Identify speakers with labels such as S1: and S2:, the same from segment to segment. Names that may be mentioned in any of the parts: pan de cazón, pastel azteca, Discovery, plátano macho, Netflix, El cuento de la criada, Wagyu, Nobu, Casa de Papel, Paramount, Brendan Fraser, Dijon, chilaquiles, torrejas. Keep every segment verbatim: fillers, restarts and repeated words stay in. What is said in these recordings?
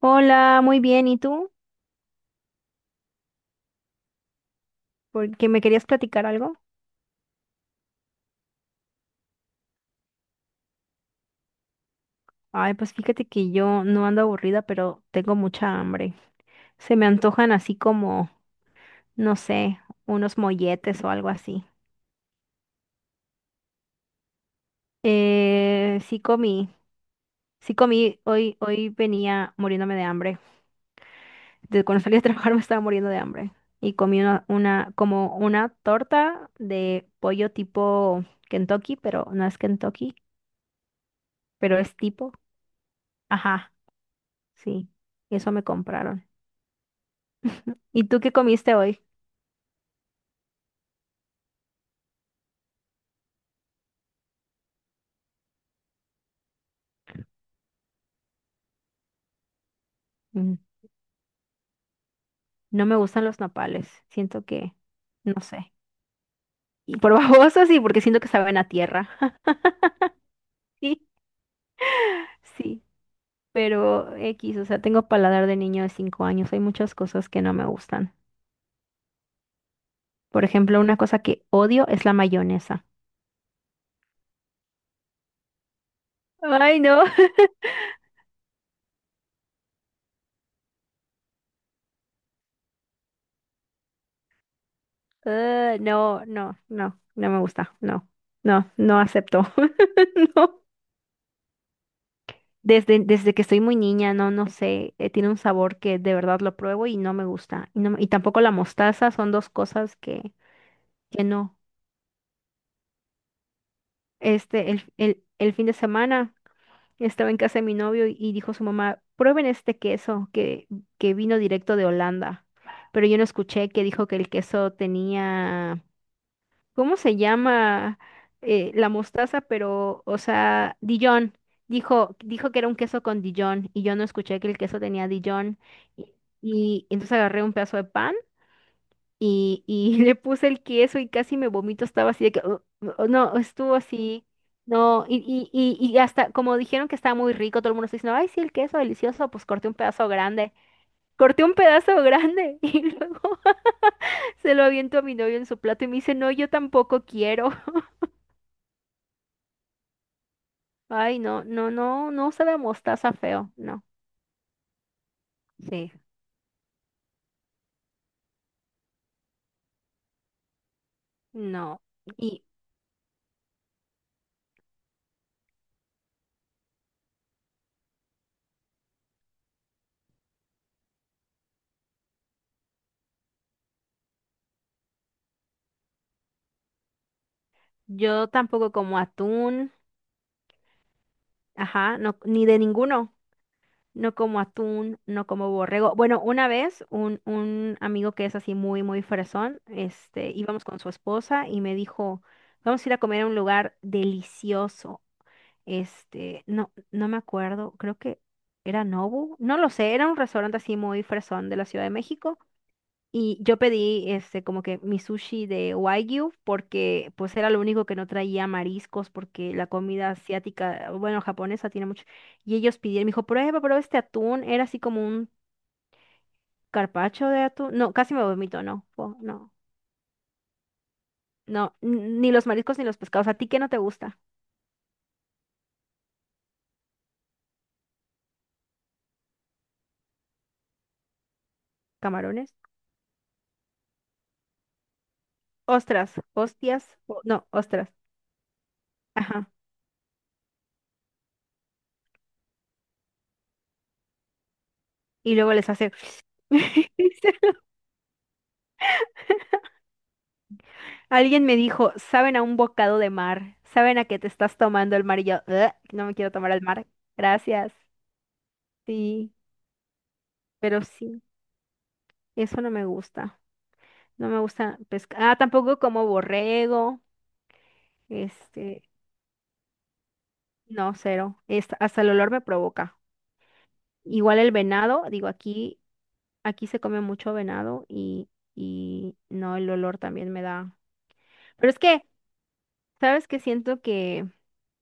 S1: Hola, muy bien. ¿Y tú? Porque me querías platicar algo. Ay, pues fíjate que yo no ando aburrida, pero tengo mucha hambre. Se me antojan así como, no sé, unos molletes o algo así. Eh, sí comí, sí comí. Hoy, hoy venía muriéndome de hambre. Desde cuando salí a trabajar me estaba muriendo de hambre. Y comí una, una, como una torta de pollo tipo Kentucky, pero no es Kentucky, pero es tipo. Ajá, sí. Eso me compraron. ¿Y tú qué comiste hoy? Mm. No me gustan los nopales. Siento que, no sé. Y por babosa sí, porque siento que saben a tierra. Sí, sí. Pero X, o sea, tengo paladar de niño de cinco años. Hay muchas cosas que no me gustan. Por ejemplo, una cosa que odio es la mayonesa. Ay, no. Ah, no, no, no, no me gusta. No, no, no acepto. No. Desde, desde que estoy muy niña, no, no sé, eh, tiene un sabor que de verdad lo pruebo y no me gusta. Y, no me- y tampoco la mostaza, son dos cosas que, que no. Este, el, el, el fin de semana estaba en casa de mi novio y, y dijo su mamá, prueben este queso que, que vino directo de Holanda. Pero yo no escuché que dijo que el queso tenía. ¿Cómo se llama, eh, la mostaza? Pero, o sea, Dijon. Dijo, dijo que era un queso con Dijon y yo no escuché que el queso tenía Dijon. Y, y entonces agarré un pedazo de pan y, y le puse el queso y casi me vomito. Estaba así de que, "Ugh, ugh", no, estuvo así. No, y, y, y, y hasta como dijeron que estaba muy rico, todo el mundo está diciendo, ay, sí, el queso delicioso, pues corté un pedazo grande. Corté un pedazo grande y luego se lo aviento a mi novio en su plato y me dice, no, yo tampoco quiero. Ay, no, no, no, no sabe a mostaza feo, no, sí, no. Y yo tampoco como atún, ajá, no, ni de ninguno. No como atún, no como borrego. Bueno, una vez un, un amigo que es así muy, muy fresón, este, íbamos con su esposa y me dijo, vamos a ir a comer a un lugar delicioso. Este, no, no me acuerdo, creo que era Nobu, no lo sé, era un restaurante así muy fresón de la Ciudad de México. Y yo pedí este como que mi sushi de Wagyu porque pues era lo único que no traía mariscos porque la comida asiática, ah, bueno, japonesa tiene mucho. Y ellos pidieron, me dijo, prueba, prueba este atún. Era así como un carpacho de atún. No, casi me vomito, no, po- no, no, n- ni los mariscos ni los pescados. ¿A ti qué no te gusta? ¿Camarones? Ostras, hostias, o- no, ostras. Ajá. Y luego les hace... Alguien me dijo, saben a un bocado de mar, saben a que te estás tomando el mar y yo, "Ugh, no me quiero tomar el mar, gracias". Sí, pero sí, eso no me gusta. No me gusta pescar. Ah, tampoco como borrego, este, no, cero. Es- hasta el olor me provoca. Igual el venado, digo, aquí, aquí se come mucho venado y, y no, el olor también me da. Pero es que sabes que siento que,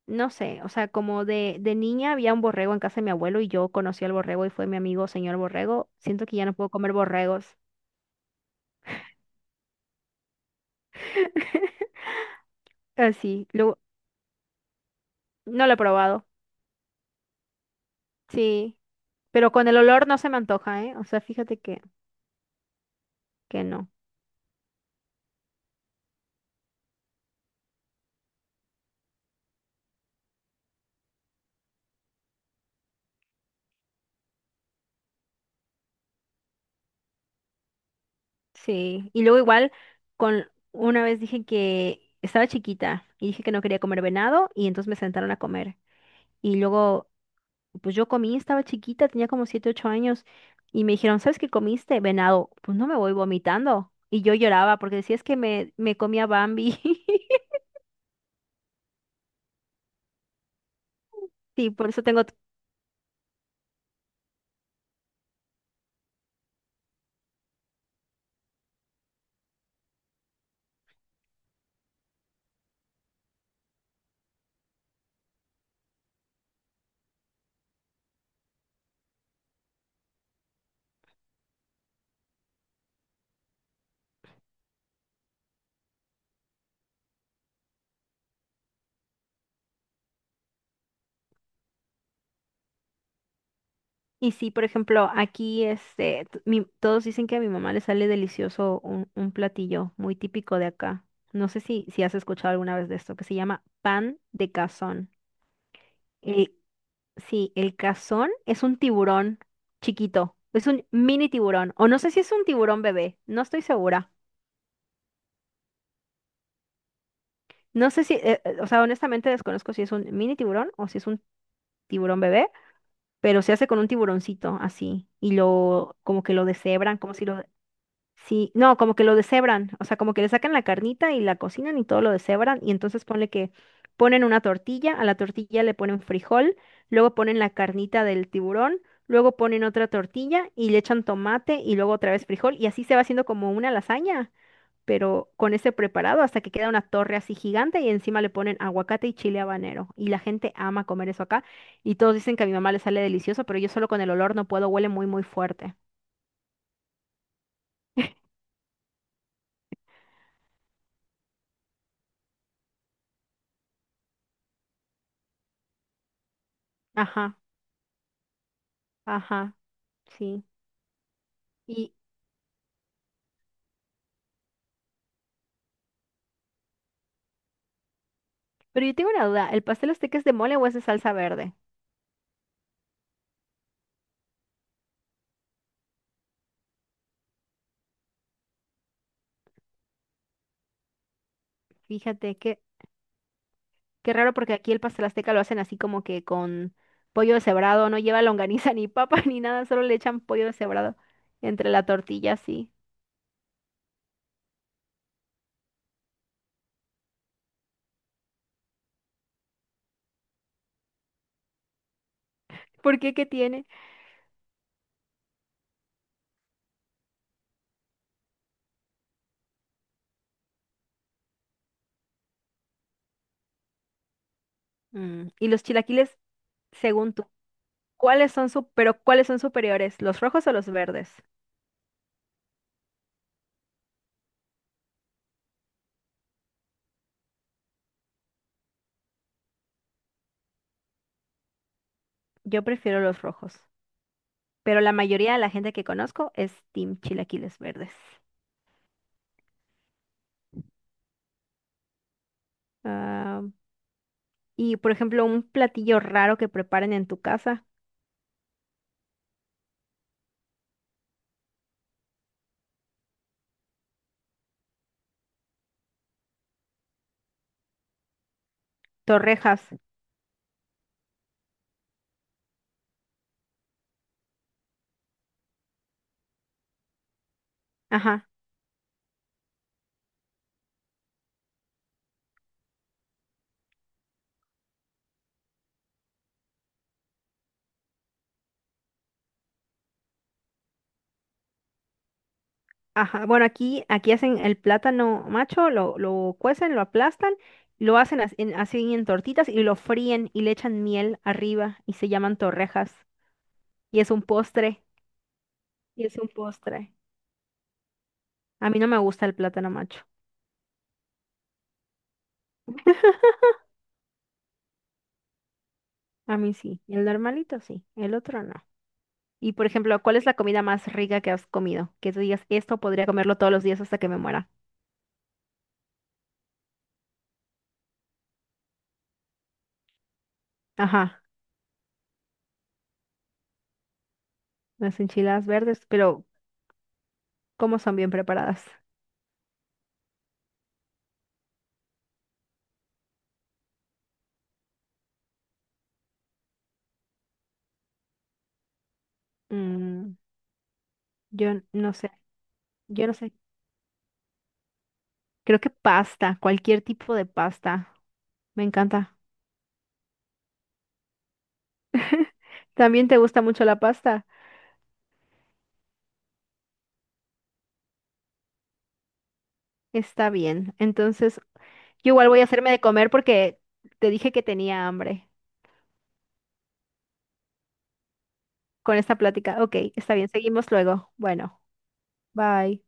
S1: no sé, o sea, como de, de niña había un borrego en casa de mi abuelo y yo conocí al borrego y fue mi amigo señor borrego. Siento que ya no puedo comer borregos. Así, luego, no lo he probado. Sí, pero con el olor no se me antoja, ¿eh? O sea, fíjate que, que no. Sí, y luego igual, con una vez dije que estaba chiquita y dije que no quería comer venado y entonces me sentaron a comer. Y luego pues yo comí, estaba chiquita, tenía como siete ocho años, y me dijeron, ¿sabes qué comiste? Venado, pues no me voy vomitando. Y yo lloraba porque decía, es que me, me comía Bambi. Sí, por eso tengo... t- Y sí, por ejemplo, aquí este, t- mi- todos dicen que a mi mamá le sale delicioso un, un platillo muy típico de acá. No sé si, si has escuchado alguna vez de esto, que se llama pan de cazón. El- sí, el cazón es un tiburón chiquito, es un mini tiburón, o no sé si es un tiburón bebé, no estoy segura. No sé si, eh, eh, o sea, honestamente desconozco si es un mini tiburón o si es un tiburón bebé, pero se hace con un tiburoncito así y lo, como que lo deshebran, como si lo, sí, no, como que lo deshebran, o sea, como que le sacan la carnita y la cocinan y todo lo deshebran y entonces ponle que ponen una tortilla, a la tortilla le ponen frijol, luego ponen la carnita del tiburón, luego ponen otra tortilla y le echan tomate y luego otra vez frijol y así se va haciendo como una lasaña pero con ese preparado hasta que queda una torre así gigante y encima le ponen aguacate y chile habanero. Y la gente ama comer eso acá y todos dicen que a mi mamá le sale delicioso, pero yo solo con el olor no puedo, huele muy, muy fuerte. Ajá, ajá, sí. Y, pero yo tengo una duda, ¿el pastel azteca es de mole o es de salsa verde? Fíjate, qué, qué raro porque aquí el pastel azteca lo hacen así como que con pollo deshebrado, no lleva longaniza ni papa ni nada, solo le echan pollo deshebrado entre la tortilla, sí. ¿Por qué? ¿Qué tiene? Mm, ¿y los chilaquiles? Según tú, ¿cuáles son su- pero cuáles son superiores, los rojos o los verdes? Yo prefiero los rojos, pero la mayoría de la gente que conozco es team chilaquiles verdes. Ah, y por ejemplo, un platillo raro que preparen en tu casa, torrejas. Ajá, ajá. Bueno, aquí aquí hacen el plátano macho, lo lo cuecen, lo aplastan, lo hacen as- en- así en tortitas y lo fríen y le echan miel arriba y se llaman torrejas y es un postre, y es un postre. A mí no me gusta el plátano macho. A mí sí, el normalito sí, el otro no. Y por ejemplo, ¿cuál es la comida más rica que has comido? Que tú digas, esto podría comerlo todos los días hasta que me muera. Ajá, las enchiladas verdes, pero ¿cómo son bien preparadas? Mm, yo n- no sé, yo no sé. Creo que pasta, cualquier tipo de pasta. Me encanta. ¿También te gusta mucho la pasta? Está bien. Entonces, yo igual voy a hacerme de comer porque te dije que tenía hambre con esta plática. Ok, está bien, seguimos luego. Bueno, bye.